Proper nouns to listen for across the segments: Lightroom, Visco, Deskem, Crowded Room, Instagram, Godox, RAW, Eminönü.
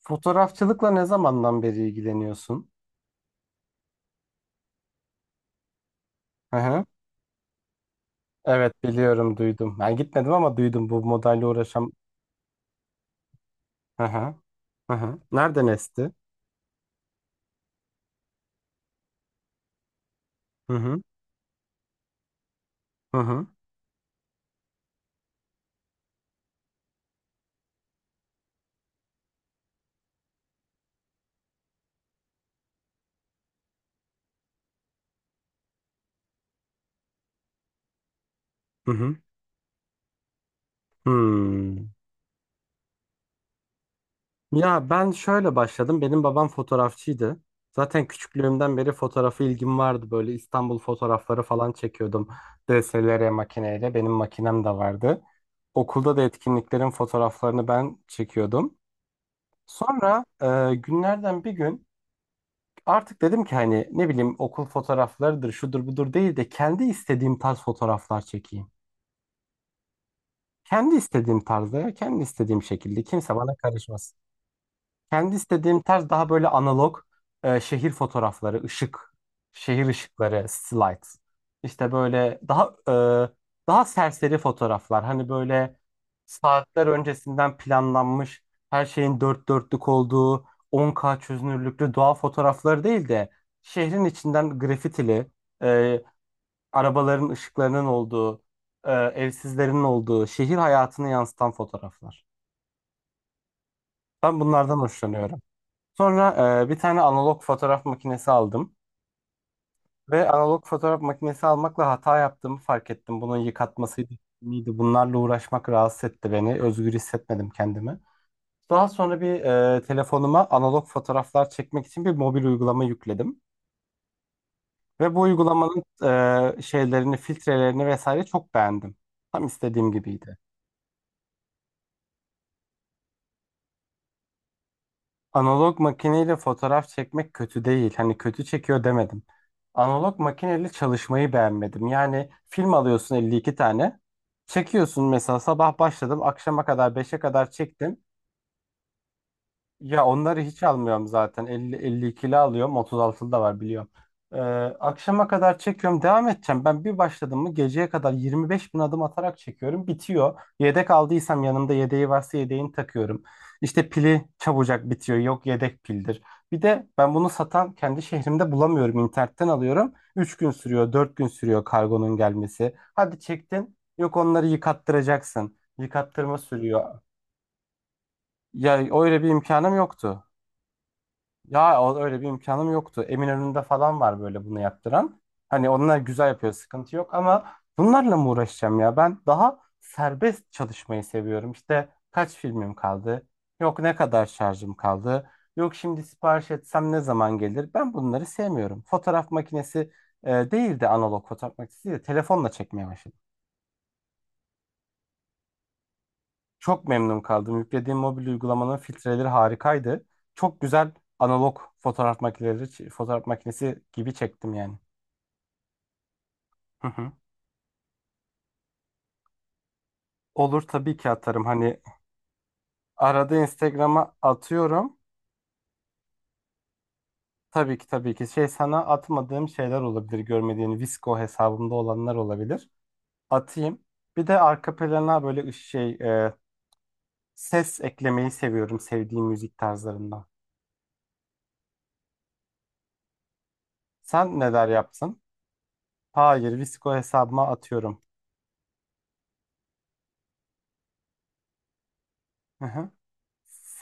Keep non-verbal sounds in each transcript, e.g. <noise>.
Fotoğrafçılıkla ne zamandan beri ilgileniyorsun? Hı hı. Evet, biliyorum, duydum. Ben gitmedim ama duydum, bu modayla uğraşan. Hı hı. Hı hı. Nereden esti? Hı hı. Hı hı. Hı hı. Hmm. Ya ben şöyle başladım. Benim babam fotoğrafçıydı. Zaten küçüklüğümden beri fotoğrafa ilgim vardı. Böyle İstanbul fotoğrafları falan çekiyordum. DSLR makineyle. Benim makinem de vardı. Okulda da etkinliklerin fotoğraflarını ben çekiyordum. Sonra günlerden bir gün artık dedim ki, hani ne bileyim, okul fotoğraflarıdır, şudur budur değil de kendi istediğim tarz fotoğraflar çekeyim. Kendi istediğim tarzda, kendi istediğim şekilde kimse bana karışmasın. Kendi istediğim tarz daha böyle analog, şehir fotoğrafları, ışık, şehir ışıkları, slide. İşte böyle daha daha serseri fotoğraflar. Hani böyle saatler öncesinden planlanmış, her şeyin dört dörtlük olduğu, 10K çözünürlüklü doğa fotoğrafları değil de şehrin içinden grafitili, e, arabaların ışıklarının olduğu, evsizlerin olduğu, şehir hayatını yansıtan fotoğraflar. Ben bunlardan hoşlanıyorum. Sonra bir tane analog fotoğraf makinesi aldım ve analog fotoğraf makinesi almakla hata yaptığımı fark ettim. Bunun yıkatmasıydı, miydi? Bunlarla uğraşmak rahatsız etti beni. Özgür hissetmedim kendimi. Daha sonra bir, telefonuma analog fotoğraflar çekmek için bir mobil uygulama yükledim ve bu uygulamanın şeylerini, filtrelerini vesaire çok beğendim. Tam istediğim gibiydi. Analog makineyle fotoğraf çekmek kötü değil. Hani kötü çekiyor demedim. Analog makineyle çalışmayı beğenmedim. Yani film alıyorsun, 52 tane. Çekiyorsun, mesela sabah başladım, akşama kadar beşe kadar çektim. Ya onları hiç almıyorum zaten. Elli elli 52'li alıyorum. 36'lı da var biliyorum. Ee, akşama kadar çekiyorum. Devam edeceğim. Ben bir başladım mı geceye kadar 25 bin adım atarak çekiyorum. Bitiyor. Yedek aldıysam, yanımda yedeği varsa yedeğini takıyorum. İşte pili çabucak bitiyor. Yok, yedek pildir. Bir de ben bunu satan kendi şehrimde bulamıyorum. İnternetten alıyorum. 3 gün sürüyor, 4 gün sürüyor kargonun gelmesi. Hadi çektin. Yok, onları yıkattıracaksın. Yıkattırma sürüyor. Ya öyle bir imkanım yoktu. Öyle bir imkanım yoktu. Eminönü'nde falan var böyle bunu yaptıran. Hani onlar güzel yapıyor, sıkıntı yok ama bunlarla mı uğraşacağım ya? Ben daha serbest çalışmayı seviyorum. İşte kaç filmim kaldı? Yok, ne kadar şarjım kaldı? Yok, şimdi sipariş etsem ne zaman gelir? Ben bunları sevmiyorum. Değil de analog fotoğraf makinesi değil de telefonla çekmeye başladım. Çok memnun kaldım. Yüklediğim mobil uygulamanın filtreleri harikaydı. Çok güzel analog fotoğraf makineleri, fotoğraf makinesi gibi çektim yani. Hı hı. Olur, tabii ki atarım. Hani arada Instagram'a atıyorum. Tabii ki, tabii ki. Şey, sana atmadığım şeyler olabilir. Görmediğin Visco hesabımda olanlar olabilir. Atayım. Bir de arka plana böyle ses eklemeyi seviyorum, sevdiğim müzik tarzlarından. Sen neler yaptın? Hayır, Visco hesabıma atıyorum. Hı hı.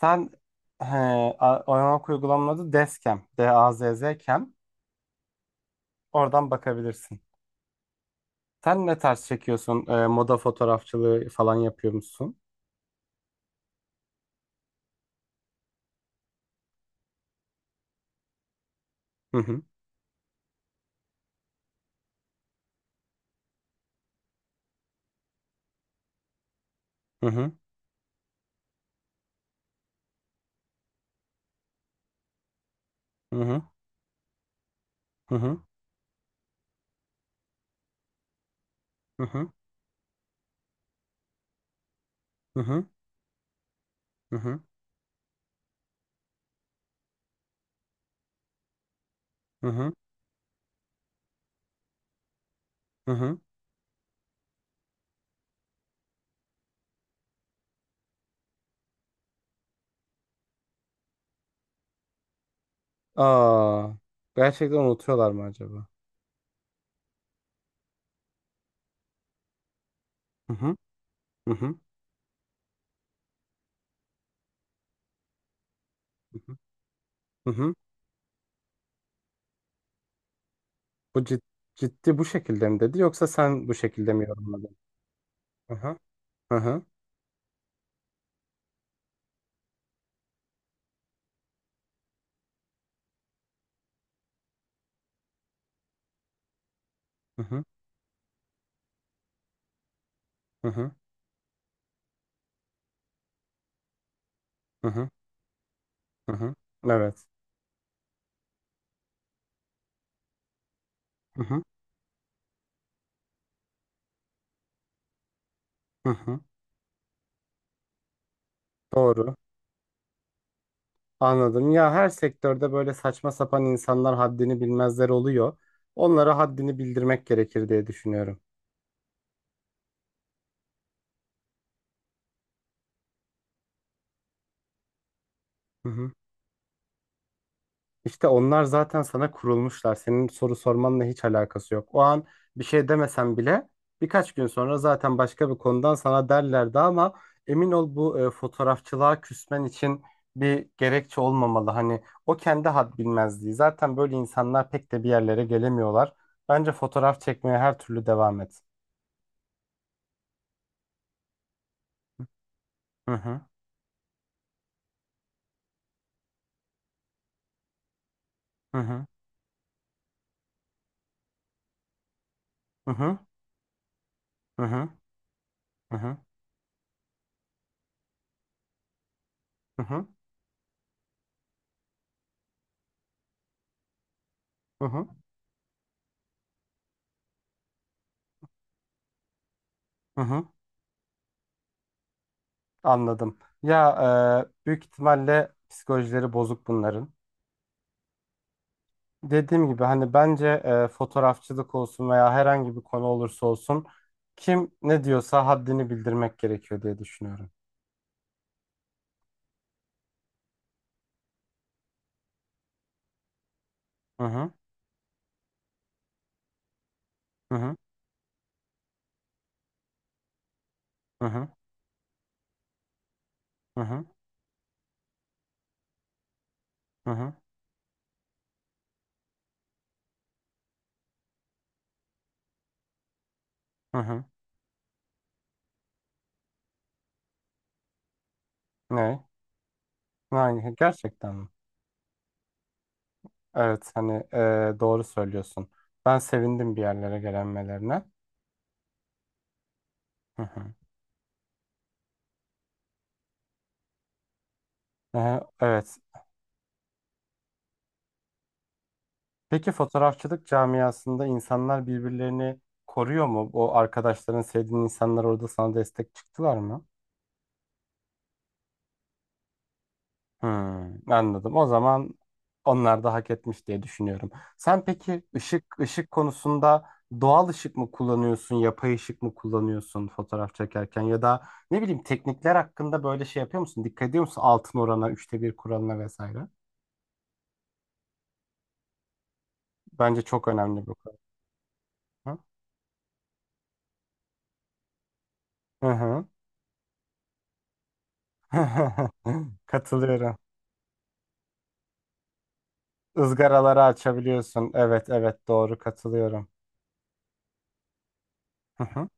Sen, he, oyanak uygulamanın adı Deskem. D-A-Z-Z-Kem. Oradan bakabilirsin. Sen ne tarz çekiyorsun? Moda fotoğrafçılığı falan yapıyor musun? Hı hı. Hı hı. Hı hı. Hı hı. Hı hı. Hı hı. Hı hı. Hı hı. Hı hı. Aa, gerçekten unutuyorlar mı acaba? Hı hı. Hı hı. Hı hı, hı hı. Bu cid- Ciddi bu şekilde mi dedi, yoksa sen bu şekilde mi yorumladın? Hı hı, hı hı, hı hı, hı hı, hı hı, hı hı. Evet. Hı hı, hı hı. Doğru. Anladım. Ya her sektörde böyle saçma sapan insanlar, haddini bilmezler oluyor. Onlara haddini bildirmek gerekir diye düşünüyorum. Hı hı. İşte onlar zaten sana kurulmuşlar. Senin soru sormanla hiç alakası yok. O an bir şey demesen bile birkaç gün sonra zaten başka bir konudan sana derlerdi, ama emin ol, bu fotoğrafçılığa küsmen için bir gerekçe olmamalı. Hani o kendi had bilmezliği. Zaten böyle insanlar pek de bir yerlere gelemiyorlar. Bence fotoğraf çekmeye her türlü devam et. Hı hı. Hı hı. Hı hı, hı hı, hı hı, hı hı, hı hı, hı hı. Anladım. Ya büyük ihtimalle psikolojileri bozuk bunların. Dediğim gibi, hani bence fotoğrafçılık olsun veya herhangi bir konu olursa olsun, kim ne diyorsa haddini bildirmek gerekiyor diye düşünüyorum. Hı hı, hı hı, hı hı, hı hı, hı hı, hı hı. Ne? Yani gerçekten mi? Evet, hani doğru söylüyorsun. Ben sevindim bir yerlere gelenmelerine. Hı hı. Evet. Peki fotoğrafçılık camiasında insanlar birbirlerini koruyor mu? O arkadaşların, sevdiğin insanlar orada sana destek çıktılar mı? Hmm, anladım. O zaman onlar da hak etmiş diye düşünüyorum. Sen peki ışık, ışık konusunda doğal ışık mı kullanıyorsun, yapay ışık mı kullanıyorsun fotoğraf çekerken, ya da ne bileyim, teknikler hakkında böyle şey yapıyor musun? Dikkat ediyor musun altın orana, üçte bir kuralına vesaire? Bence çok önemli bu konu. Hı hı. <laughs> Katılıyorum. Izgaraları açabiliyorsun. Evet, evet, doğru, katılıyorum. Hı hı,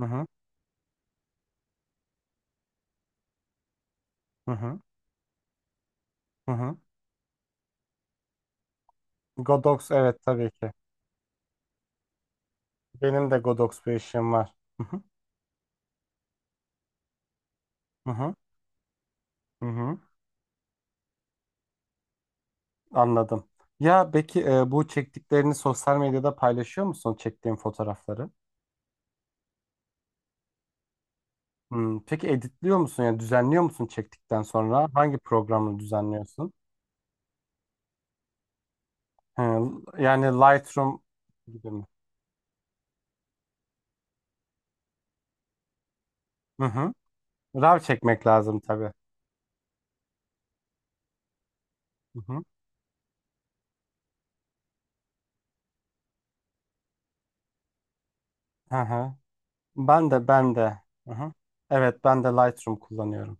hı hı, hı hı. Hı hı. Godox, evet tabii ki. Benim de Godox bir işim var. Hı hı, hı hı. Hı hı. Anladım. Ya peki bu çektiklerini sosyal medyada paylaşıyor musun, çektiğin fotoğrafları? Hmm, peki editliyor musun, yani düzenliyor musun çektikten sonra? Hangi programla düzenliyorsun? He, yani Lightroom gibi mi? Hı hı. RAW çekmek lazım tabii. Hı hı. Hı hı. Ben de ben de. Hı hı. Evet, ben de Lightroom kullanıyorum.